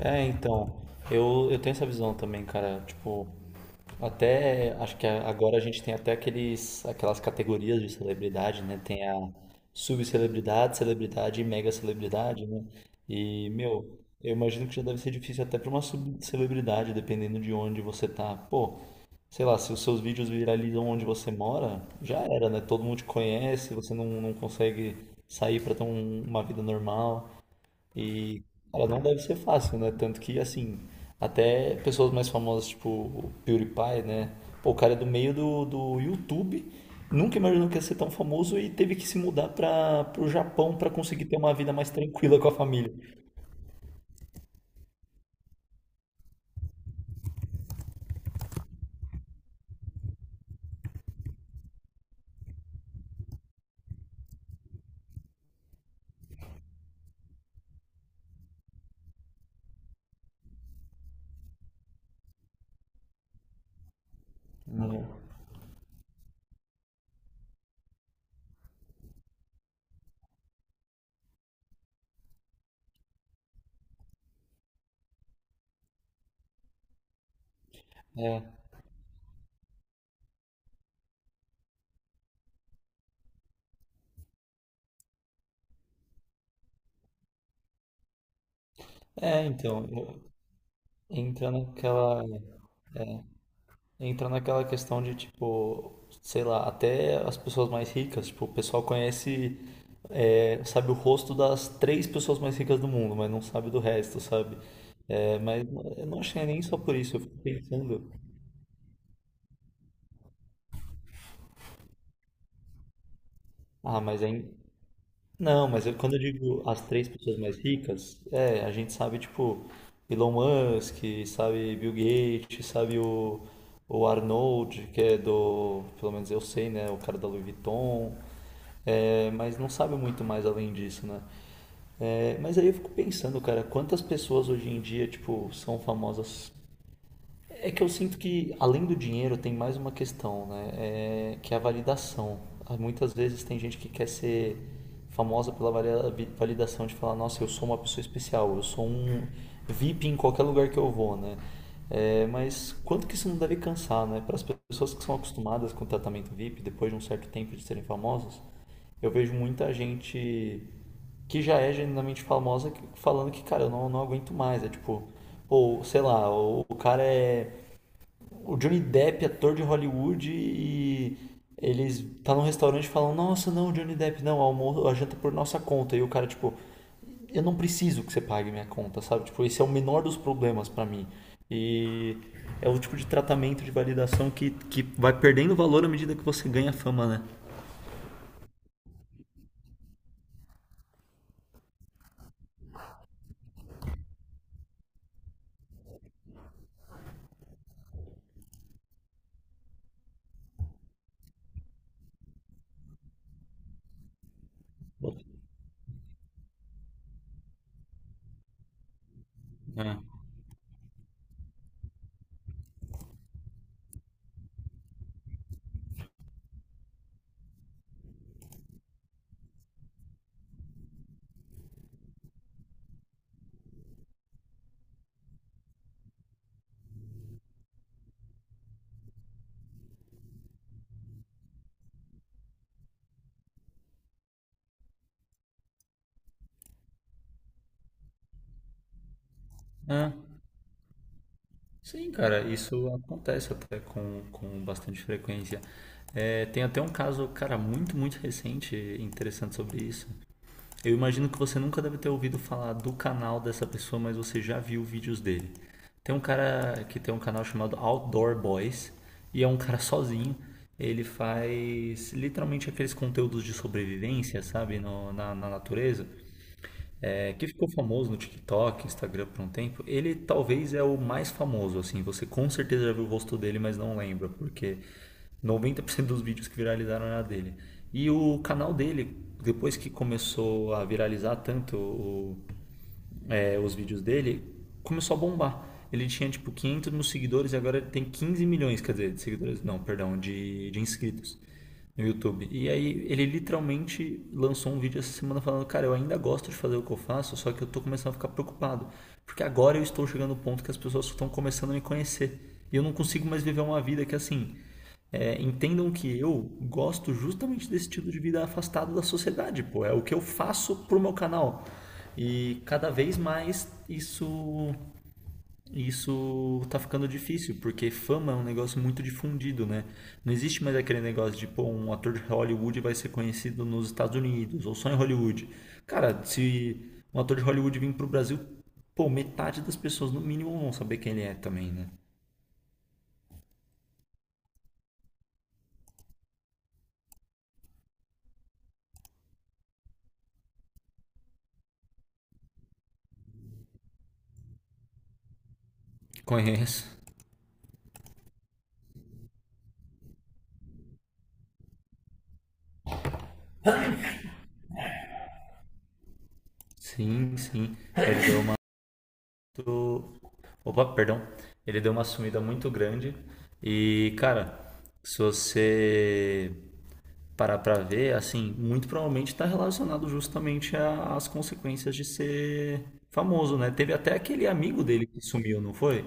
É, então, eu tenho essa visão também, cara. Tipo, até acho que agora a gente tem até aquelas categorias de celebridade, né? Tem a subcelebridade, celebridade e mega celebridade, né? E, meu, eu imagino que já deve ser difícil até para uma subcelebridade, dependendo de onde você tá. Pô, sei lá, se os seus vídeos viralizam onde você mora, já era, né? Todo mundo te conhece, você não consegue sair para ter uma vida normal. E, cara, não deve ser fácil, né? Tanto que, assim, até pessoas mais famosas, tipo o PewDiePie, né? Pô, o cara é do meio do YouTube, nunca imaginou que ia ser tão famoso e teve que se mudar para pro Japão para conseguir ter uma vida mais tranquila com a família. Né? É, então, entra naquela, entra naquela questão de, tipo, sei lá, até as pessoas mais ricas, tipo, o pessoal conhece sabe o rosto das três pessoas mais ricas do mundo, mas não sabe do resto, sabe? É, mas eu não achei nem só por isso, eu fico pensando, ah, mas aí. Não, mas quando eu digo as três pessoas mais ricas, é, a gente sabe, tipo, Elon Musk, sabe Bill Gates, sabe o Arnold, que é do, pelo menos eu sei, né, o cara da Louis Vuitton, é, mas não sabe muito mais além disso, né? É, mas aí eu fico pensando, cara, quantas pessoas hoje em dia, tipo, são famosas. É que eu sinto que, além do dinheiro, tem mais uma questão, né? É, que é a validação. Muitas vezes tem gente que quer ser famosa pela validação de falar, nossa, eu sou uma pessoa especial, eu sou um VIP em qualquer lugar que eu vou, né? É, mas quanto que isso não deve cansar, né? Para as pessoas que são acostumadas com o tratamento VIP, depois de um certo tempo de serem famosas, eu vejo muita gente que já é genuinamente famosa falando que, cara, eu não aguento mais. É tipo, ou sei lá, o cara é o Johnny Depp, ator de Hollywood, e eles tá num restaurante e falam, nossa, não, Johnny Depp, não, almoço, a janta é por nossa conta. E o cara, tipo, eu não preciso que você pague minha conta, sabe? Tipo, esse é o menor dos problemas pra mim. E é o tipo de tratamento de validação que vai perdendo valor à medida que você ganha fama, né? Ah, ah, sim, cara, isso acontece até com bastante frequência. É, tem até um caso, cara, muito recente, interessante sobre isso. Eu imagino que você nunca deve ter ouvido falar do canal dessa pessoa, mas você já viu vídeos dele. Tem um cara que tem um canal chamado Outdoor Boys e é um cara sozinho. Ele faz literalmente aqueles conteúdos de sobrevivência, sabe, na natureza é, que ficou famoso no TikTok, Instagram por um tempo, ele talvez é o mais famoso, assim, você com certeza já viu o rosto dele, mas não lembra, porque 90% dos vídeos que viralizaram era dele. E o canal dele, depois que começou a viralizar tanto os vídeos dele, começou a bombar. Ele tinha tipo 500 mil seguidores e agora ele tem 15 milhões, quer dizer, de seguidores, não, perdão, de inscritos no YouTube. E aí ele literalmente lançou um vídeo essa semana falando, cara, eu ainda gosto de fazer o que eu faço, só que eu tô começando a ficar preocupado, porque agora eu estou chegando no ponto que as pessoas estão começando a me conhecer. E eu não consigo mais viver uma vida que assim, é, entendam que eu gosto justamente desse estilo de vida afastado da sociedade, pô. É o que eu faço pro meu canal. E cada vez mais isso tá ficando difícil, porque fama é um negócio muito difundido, né? Não existe mais aquele negócio de, pô, um ator de Hollywood vai ser conhecido nos Estados Unidos, ou só em Hollywood. Cara, se um ator de Hollywood vir pro Brasil, pô, metade das pessoas no mínimo vão saber quem ele é também, né? Conheço. Sim, sim. Ele deu uma muito. Opa, perdão. Ele deu uma sumida muito grande. E, cara, se você parar pra ver, assim, muito provavelmente tá relacionado justamente às consequências de ser famoso, né? Teve até aquele amigo dele que sumiu, não foi?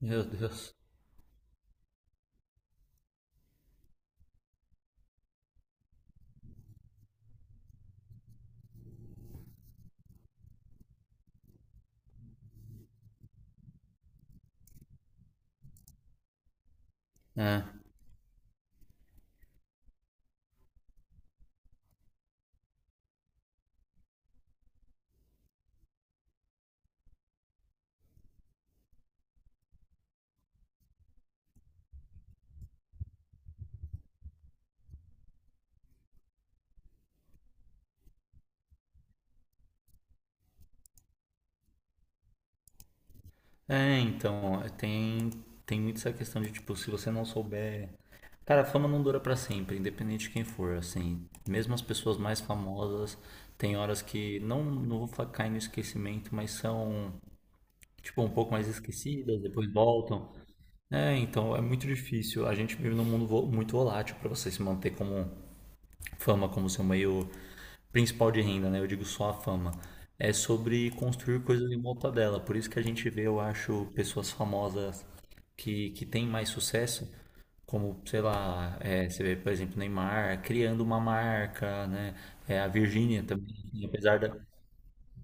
Meu Deus. É. É, então, tem, tem muito essa questão de, tipo, se você não souber. Cara, a fama não dura pra sempre, independente de quem for, assim. Mesmo as pessoas mais famosas têm horas que não, cair no esquecimento, mas são, tipo, um pouco mais esquecidas, depois voltam. É, então é muito difícil. A gente vive num mundo muito volátil pra você se manter como fama, como seu meio principal de renda, né? Eu digo só a fama. É sobre construir coisas em volta dela. Por isso que a gente vê, eu acho, pessoas famosas que tem mais sucesso, como, sei lá, é, você vê, por exemplo, Neymar criando uma marca, né? É, a Virgínia também, apesar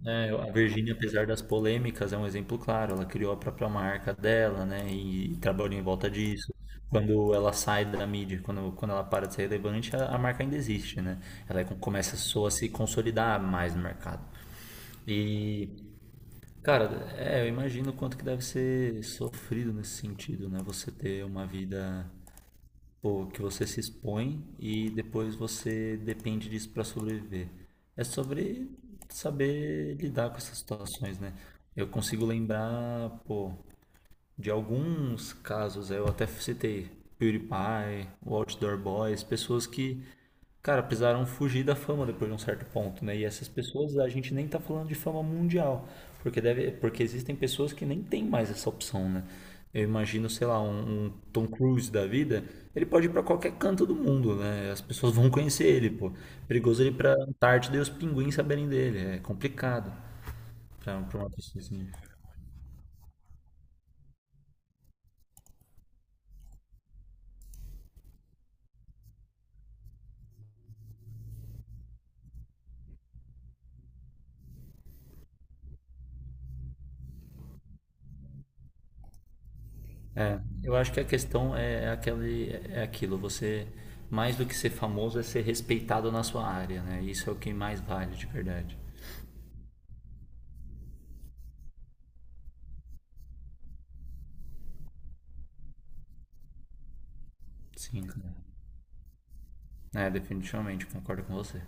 né, a Virgínia, apesar das polêmicas, é um exemplo claro. Ela criou a própria marca dela, né? E trabalhou em volta disso. Quando ela sai da mídia, quando ela para de ser relevante, a marca ainda existe, né? Ela é começa só a se consolidar mais no mercado. E, cara, é, eu imagino o quanto que deve ser sofrido nesse sentido, né? Você ter uma vida, pô, que você se expõe e depois você depende disso para sobreviver. É sobre saber lidar com essas situações, né? Eu consigo lembrar, pô, de alguns casos, eu até citei PewDiePie, o Outdoor Boys, pessoas que. Cara, precisaram fugir da fama depois de um certo ponto, né? E essas pessoas, a gente nem tá falando de fama mundial, porque deve, porque existem pessoas que nem têm mais essa opção, né? Eu imagino, sei lá, um Tom Cruise da vida, ele pode ir pra qualquer canto do mundo, né? As pessoas vão conhecer ele, pô. Perigoso ele ir pra Antártida e os pinguins saberem dele, é complicado pra uma pessoa assim. Eu acho que a questão é aquele, é aquilo, você, mais do que ser famoso, é ser respeitado na sua área, né? Isso é o que mais vale, de verdade. Sim. É, definitivamente, concordo com você.